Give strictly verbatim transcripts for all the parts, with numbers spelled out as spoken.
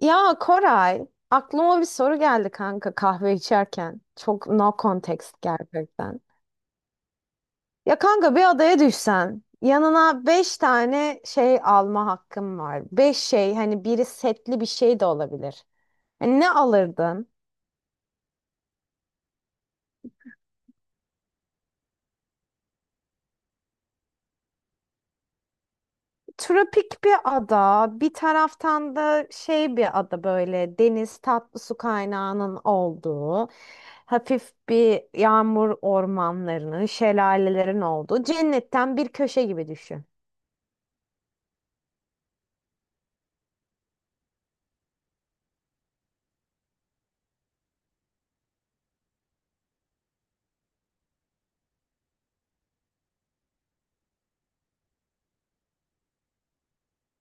Ya Koray, aklıma bir soru geldi kanka kahve içerken. Çok no context gerçekten. Ya kanka bir adaya düşsen, yanına beş tane şey alma hakkın var. Beş şey, hani biri setli bir şey de olabilir. Hani ne alırdın? Tropik bir ada, bir taraftan da şey bir ada böyle deniz tatlı su kaynağının olduğu, hafif bir yağmur ormanlarının, şelalelerin olduğu cennetten bir köşe gibi düşün.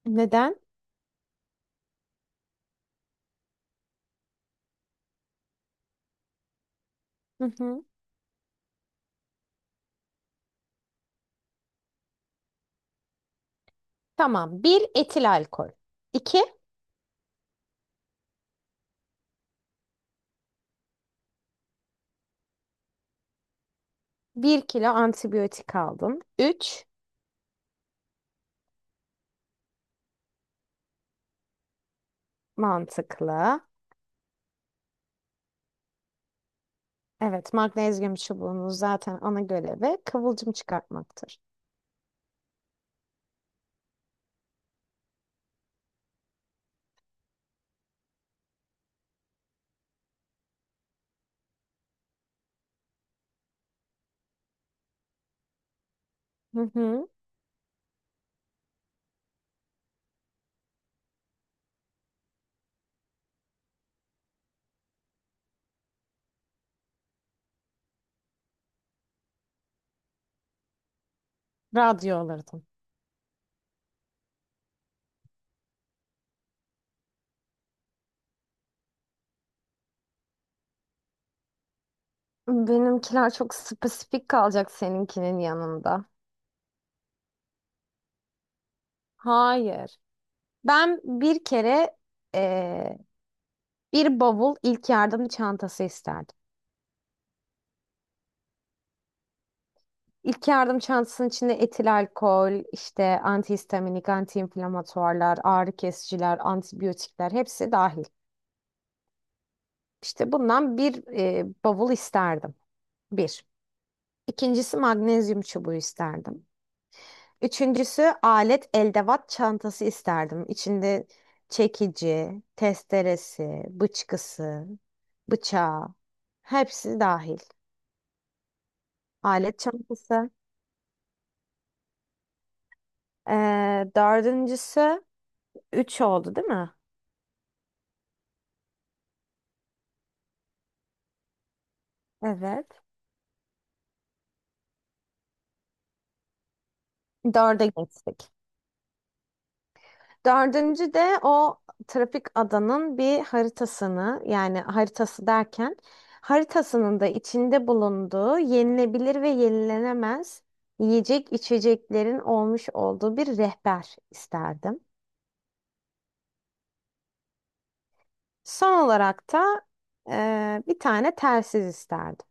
Neden? Hı hı. Tamam. Bir etil alkol. İki. Bir kilo antibiyotik aldım. Üç. Mantıklı. Evet, magnezyum çubuğunun zaten ana görevi kıvılcım çıkartmaktır. Hı hı. Radyo alırdım. Benimkiler çok spesifik kalacak seninkinin yanında. Hayır. Ben bir kere eee, bir bavul ilk yardım çantası isterdim. İlk yardım çantasının içinde etil alkol, işte antihistaminik, antiinflamatuarlar, ağrı kesiciler, antibiyotikler hepsi dahil. İşte bundan bir e, bavul isterdim. Bir. İkincisi magnezyum çubuğu isterdim. Üçüncüsü alet eldevat çantası isterdim. İçinde çekici, testeresi, bıçkısı, bıçağı hepsi dahil. Alet çantası. Ee, dördüncüsü üç oldu değil mi? Evet. Dörde geçtik. Dördüncü de o trafik adanın bir haritasını, yani haritası derken haritasının da içinde bulunduğu yenilebilir ve yenilenemez yiyecek içeceklerin olmuş olduğu bir rehber isterdim. Son olarak da eee, bir tane telsiz isterdim.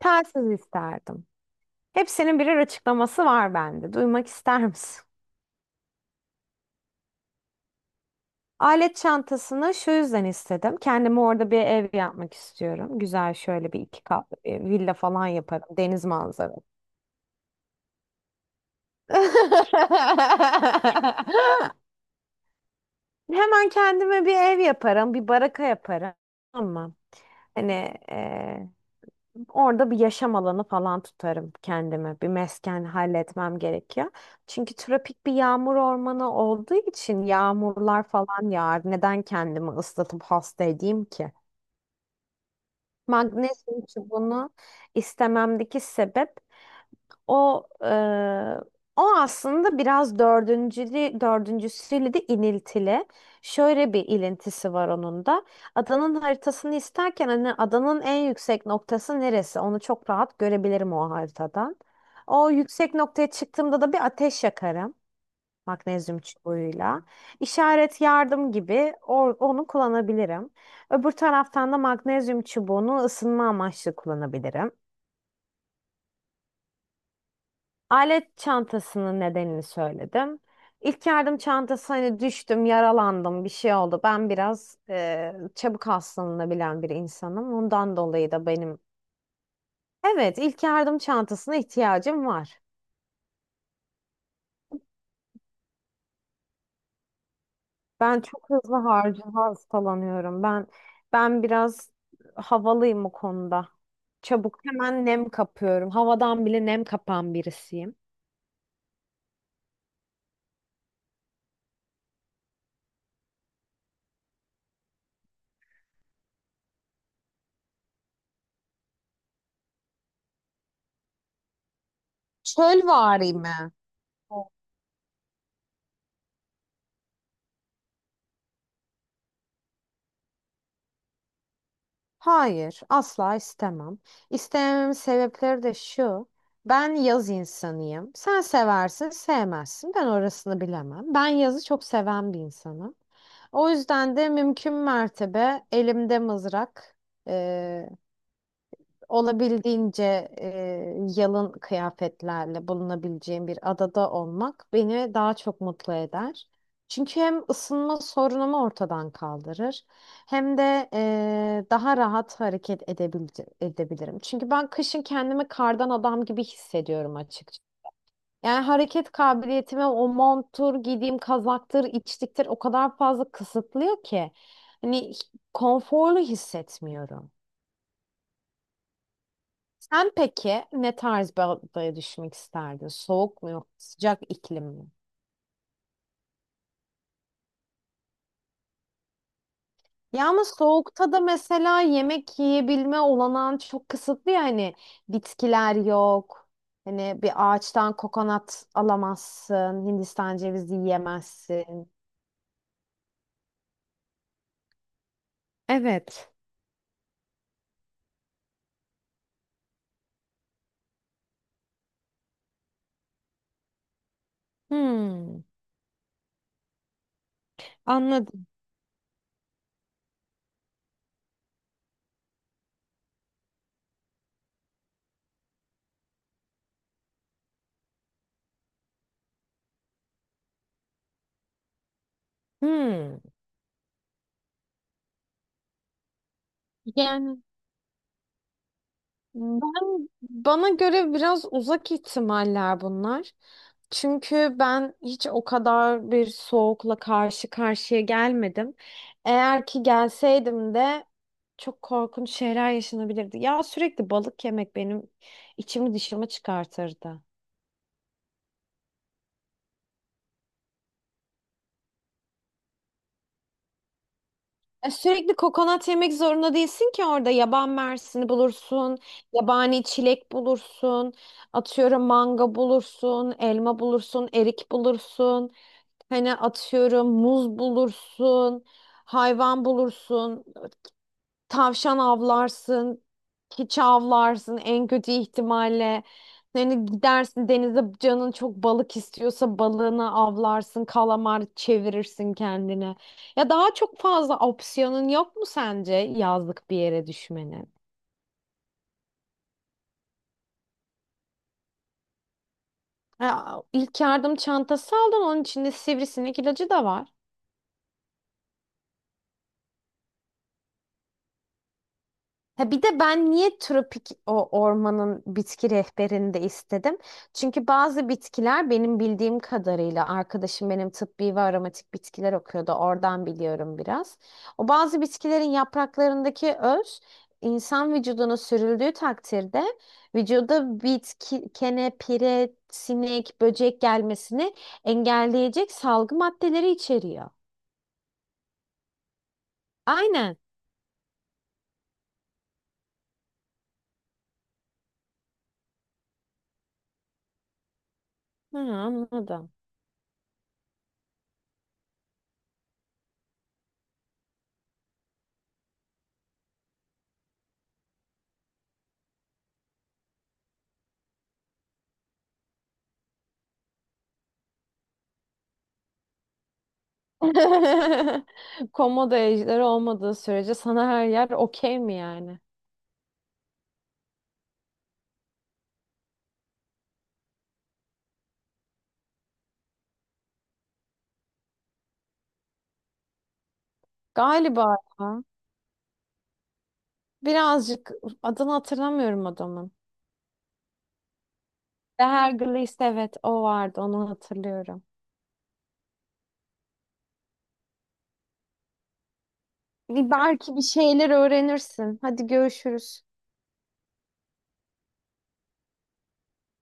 Telsiz isterdim. Hepsinin birer açıklaması var bende. Duymak ister misin? Alet çantasını şu yüzden istedim. Kendime orada bir ev yapmak istiyorum. Güzel şöyle bir iki katlı bir villa falan yaparım. Deniz manzaralı. Hemen kendime bir ev yaparım, bir baraka yaparım. Ama hani eee, orada bir yaşam alanı falan tutarım kendime. Bir mesken halletmem gerekiyor. Çünkü tropik bir yağmur ormanı olduğu için yağmurlar falan yağar. Neden kendimi ıslatıp hasta edeyim ki? Magnezyum çubuğunu istememdeki sebep o e, o aslında biraz dördüncülü, dördüncüsüyle de iniltili. Şöyle bir ilintisi var onun da. Adanın haritasını isterken hani adanın en yüksek noktası neresi? Onu çok rahat görebilirim o haritadan. O yüksek noktaya çıktığımda da bir ateş yakarım. Magnezyum çubuğuyla. İşaret yardım gibi or- onu kullanabilirim. Öbür taraftan da magnezyum çubuğunu ısınma amaçlı kullanabilirim. Alet çantasının nedenini söyledim. İlk yardım çantası hani düştüm, yaralandım, bir şey oldu. Ben biraz e, çabuk hastalanabilen bir insanım. Ondan dolayı da benim evet, ilk yardım çantasına ihtiyacım var. Ben çok hızlı harcı hastalanıyorum. Ben ben biraz havalıyım o konuda. Çabuk hemen nem kapıyorum. Havadan bile nem kapan birisiyim. Çölvari mi? Hayır, asla istemem. İstemememin sebepleri de şu. Ben yaz insanıyım. Sen seversin, sevmezsin. Ben orasını bilemem. Ben yazı çok seven bir insanım. O yüzden de mümkün mertebe elimde mızrak, eee, olabildiğince eee, yalın kıyafetlerle bulunabileceğim bir adada olmak beni daha çok mutlu eder. Çünkü hem ısınma sorunumu ortadan kaldırır hem de eee, daha rahat hareket edebil edebilirim. Çünkü ben kışın kendimi kardan adam gibi hissediyorum, yani hareket kabiliyetime o monttur, giydiğim kazaktır, içliktir o kadar fazla kısıtlıyor ki. Hani konforlu hissetmiyorum. Sen peki ne tarz bir adaya düşmek isterdin? Soğuk mu yok, sıcak iklim mi? Ya ama soğukta da mesela yemek yiyebilme olanağın çok kısıtlı ya, hani bitkiler yok. Hani bir ağaçtan kokonat alamazsın, Hindistan cevizi yiyemezsin. Evet. Hmm, anladım. Hmm. Yani ben bana göre biraz uzak ihtimaller bunlar. Çünkü ben hiç o kadar bir soğukla karşı karşıya gelmedim. Eğer ki gelseydim de çok korkunç şeyler yaşanabilirdi. Ya sürekli balık yemek benim içimi dışımı çıkartırdı. E, sürekli kokonat yemek zorunda değilsin ki, orada yaban mersini bulursun, yabani çilek bulursun, atıyorum manga bulursun, elma bulursun, erik bulursun. Hani atıyorum muz bulursun, hayvan bulursun, tavşan avlarsın, hiç avlarsın en kötü ihtimalle. Hani gidersin denize, canın çok balık istiyorsa balığını avlarsın, kalamar çevirirsin kendine. Ya daha çok fazla opsiyonun yok mu sence yazlık bir yere düşmenin? Ya, ilk yardım çantası aldın, onun içinde sivrisinek ilacı da var. Ha bir de ben niye tropik o ormanın bitki rehberini de istedim? Çünkü bazı bitkiler, benim bildiğim kadarıyla arkadaşım benim tıbbi ve aromatik bitkiler okuyordu. Oradan biliyorum biraz. O bazı bitkilerin yapraklarındaki öz insan vücuduna sürüldüğü takdirde vücuda bitki, kene, pire, sinek, böcek gelmesini engelleyecek salgı maddeleri içeriyor. Aynen. Ha, anladım. Komodo ejderi olmadığı sürece sana her yer okey mi yani? Galiba ya. Birazcık adını hatırlamıyorum adamın. Hergleist, evet o vardı, onu hatırlıyorum. Bir belki bir şeyler öğrenirsin. Hadi görüşürüz.